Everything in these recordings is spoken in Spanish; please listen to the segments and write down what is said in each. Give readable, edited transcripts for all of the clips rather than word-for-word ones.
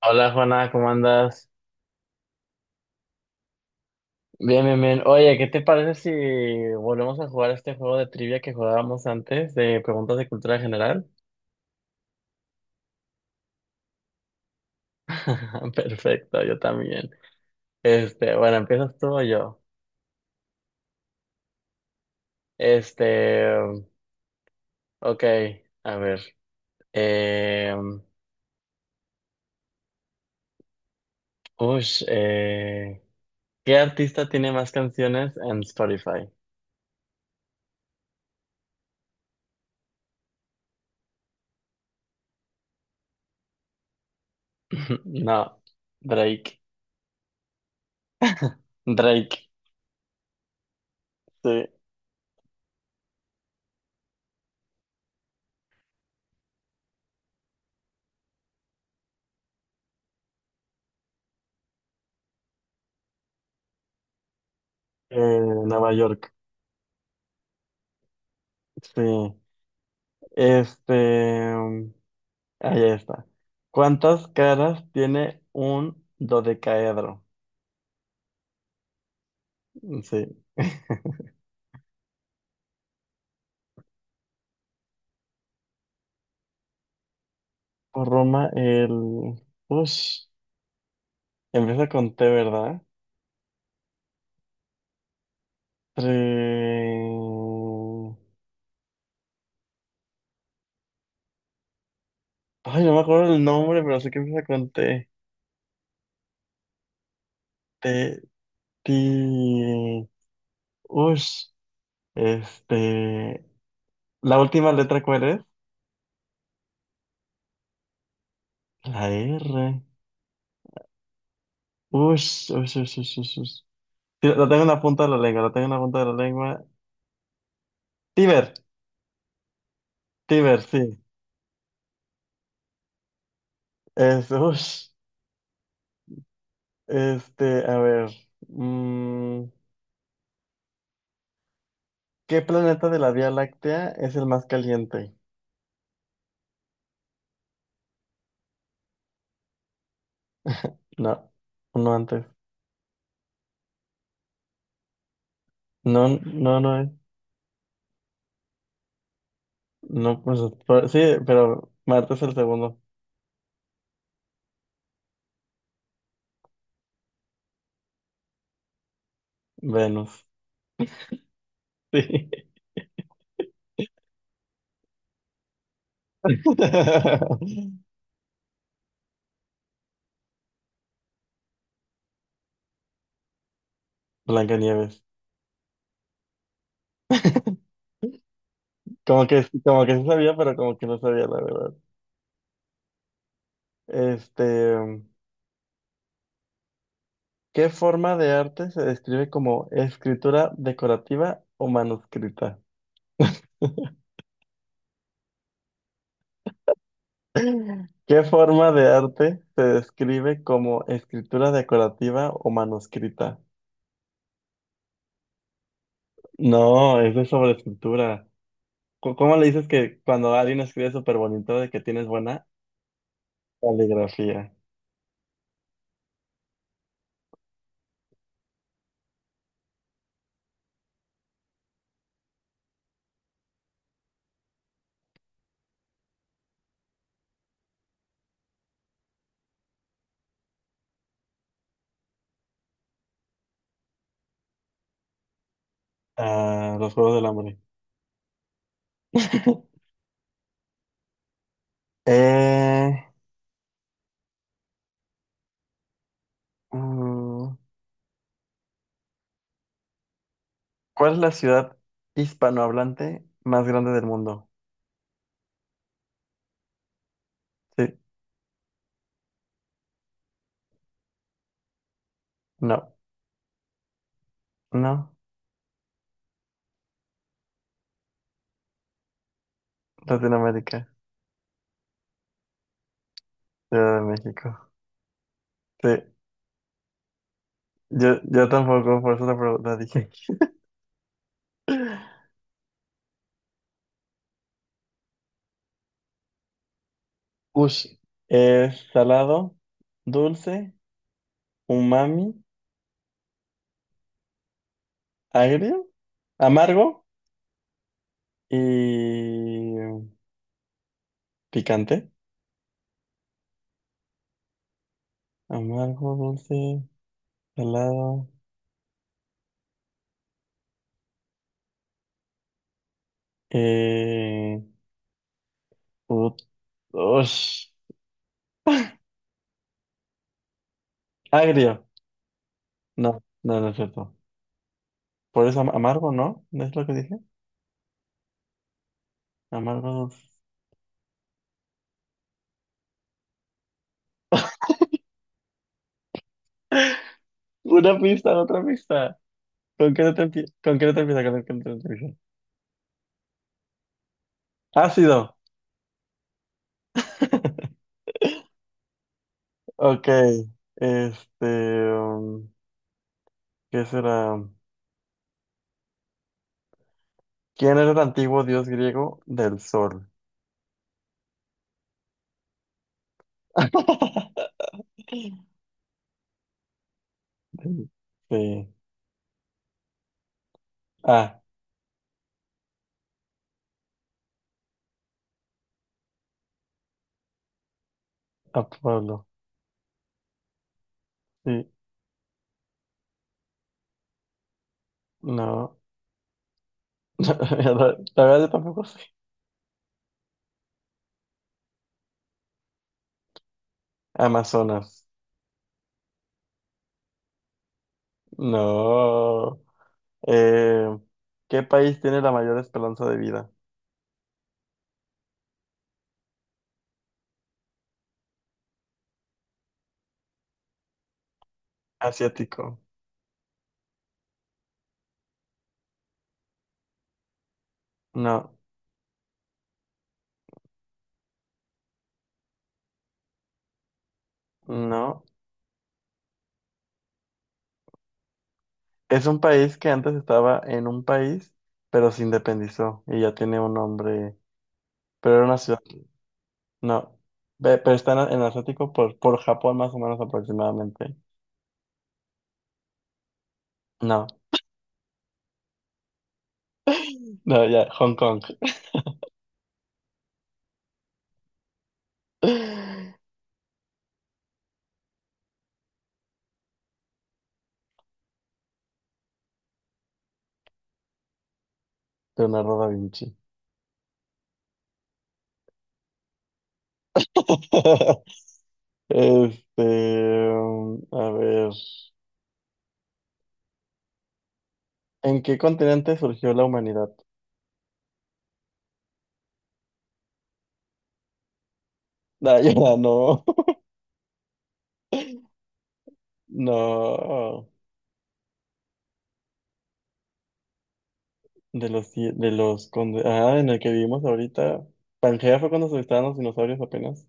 Hola Juana, ¿cómo andas? Bien, bien, bien. Oye, ¿qué te parece si volvemos a jugar este juego de trivia que jugábamos antes de preguntas de cultura general? Perfecto, yo también. Bueno, ¿empiezas tú o yo? Este, ok, a ver. Eh, ush, eh, ¿Qué artista tiene más canciones en Spotify? No, Drake. Drake, sí. Nueva York, sí. Este. em, Ahí está. ¿Cuántas caras tiene un dodecaedro? Sí. Por Roma, el... Ush. Empieza con T, ¿verdad? Tre- Ay, no me acuerdo el nombre, pero sé que empieza con T. T, ti... Ush. Este... ¿La última letra cuál es? La R. Ush, ush, ush, ush, ush, ush. Sí, la tengo en la punta de la lengua, la tengo en la punta de la lengua. Tiber, Tiber, sí. Es, ush. A ver, mm, ¿qué planeta de la Vía Láctea es el más caliente? No, no antes. No, no, no es. No, pues, sí, pero Marte es el segundo. Venus. Sí. Blancanieves. Como que sí sabía, pero como que no sabía la verdad. Este, mm, ¿Qué forma de arte se describe como escritura decorativa o manuscrita? ¿Qué forma de arte se describe como escritura decorativa o manuscrita? No, eso es sobre escritura. ¿Cómo le dices que cuando alguien escribe súper bonito de que tienes buena caligrafía? Ah, los Juegos del Hambre. Eh, mm, ¿cuál es la ciudad hispanohablante más grande del mundo? Sí, no, no, Latinoamérica, Ciudad de México. Sí, yo tampoco, por eso la pregunta dije. Ush, es salado, dulce, umami, agrio, amargo y picante. Amargo, dulce, salado, eh, ut- ush, agrio. No, no, no es cierto. Por eso amargo, ¿no? ¿No es lo que dije? Amargo, dulce. Una pista, otra pista. ¿Con qué no te empie- con qué no te empieza? ¿Con qué no te empieza? Ácido. Ok. Este, um, ¿Qué será? ¿Quién era el antiguo dios griego del sol? Sí. Ah, Apolo. Sí, no. La verdad yo tampoco sé. Amazonas. No. Eh, ¿Qué país tiene la mayor esperanza de vida? Asiático. No, no. Es un país que antes estaba en un país, pero se independizó y ya tiene un nombre. Pero era una ciudad. No. Pero está en Asiático por Japón más o menos aproximadamente. No, no, ya, Hong Kong. Leonardo da Vinci. Este, a ver, ¿en qué continente surgió la humanidad? Ah, ya, no, no, de los, ci- de los, conde- ah, en el que vivimos ahorita. Pangea fue cuando se estaban los dinosaurios apenas.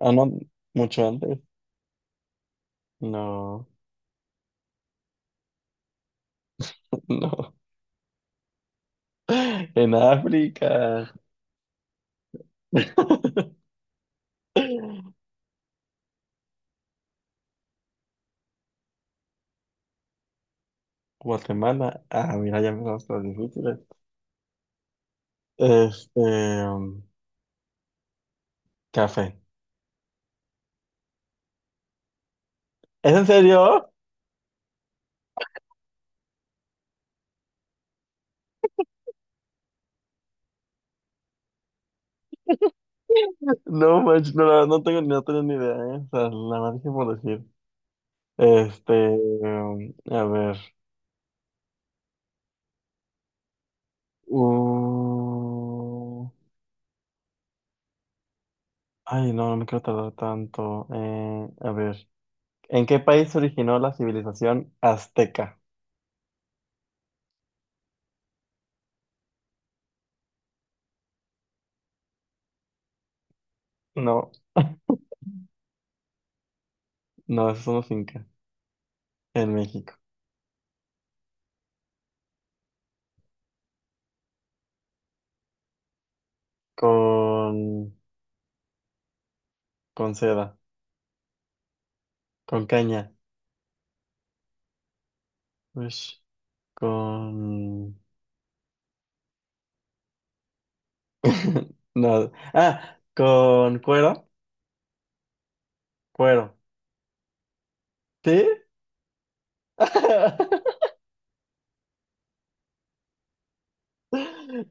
Ah, no, mucho antes. No, no, en África. Guatemala, ah, mira, ya empezamos con las difíciles. este, Café. ¿Es en serio? No, manches, no, la verdad no tengo ni idea, ¿eh? O sea, la más que por decir. A ver. Uh, Ay, no, no me quiero tardar tanto. A ver. ¿En qué país se originó la civilización azteca? No, no, esos son los incas. En México. Con, con seda. Con caña. Ush. Con. No. Ah, con cuero. Cuero. ¿Sí?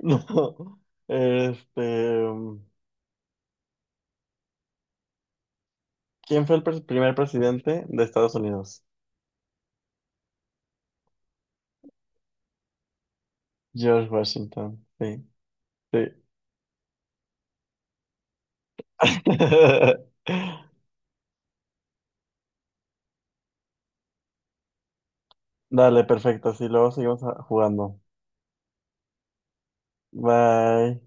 No. Este, ¿Quién fue el primer presidente de Estados Unidos? George Washington. Sí, sí. Dale, perfecto. Así luego seguimos jugando. Bye.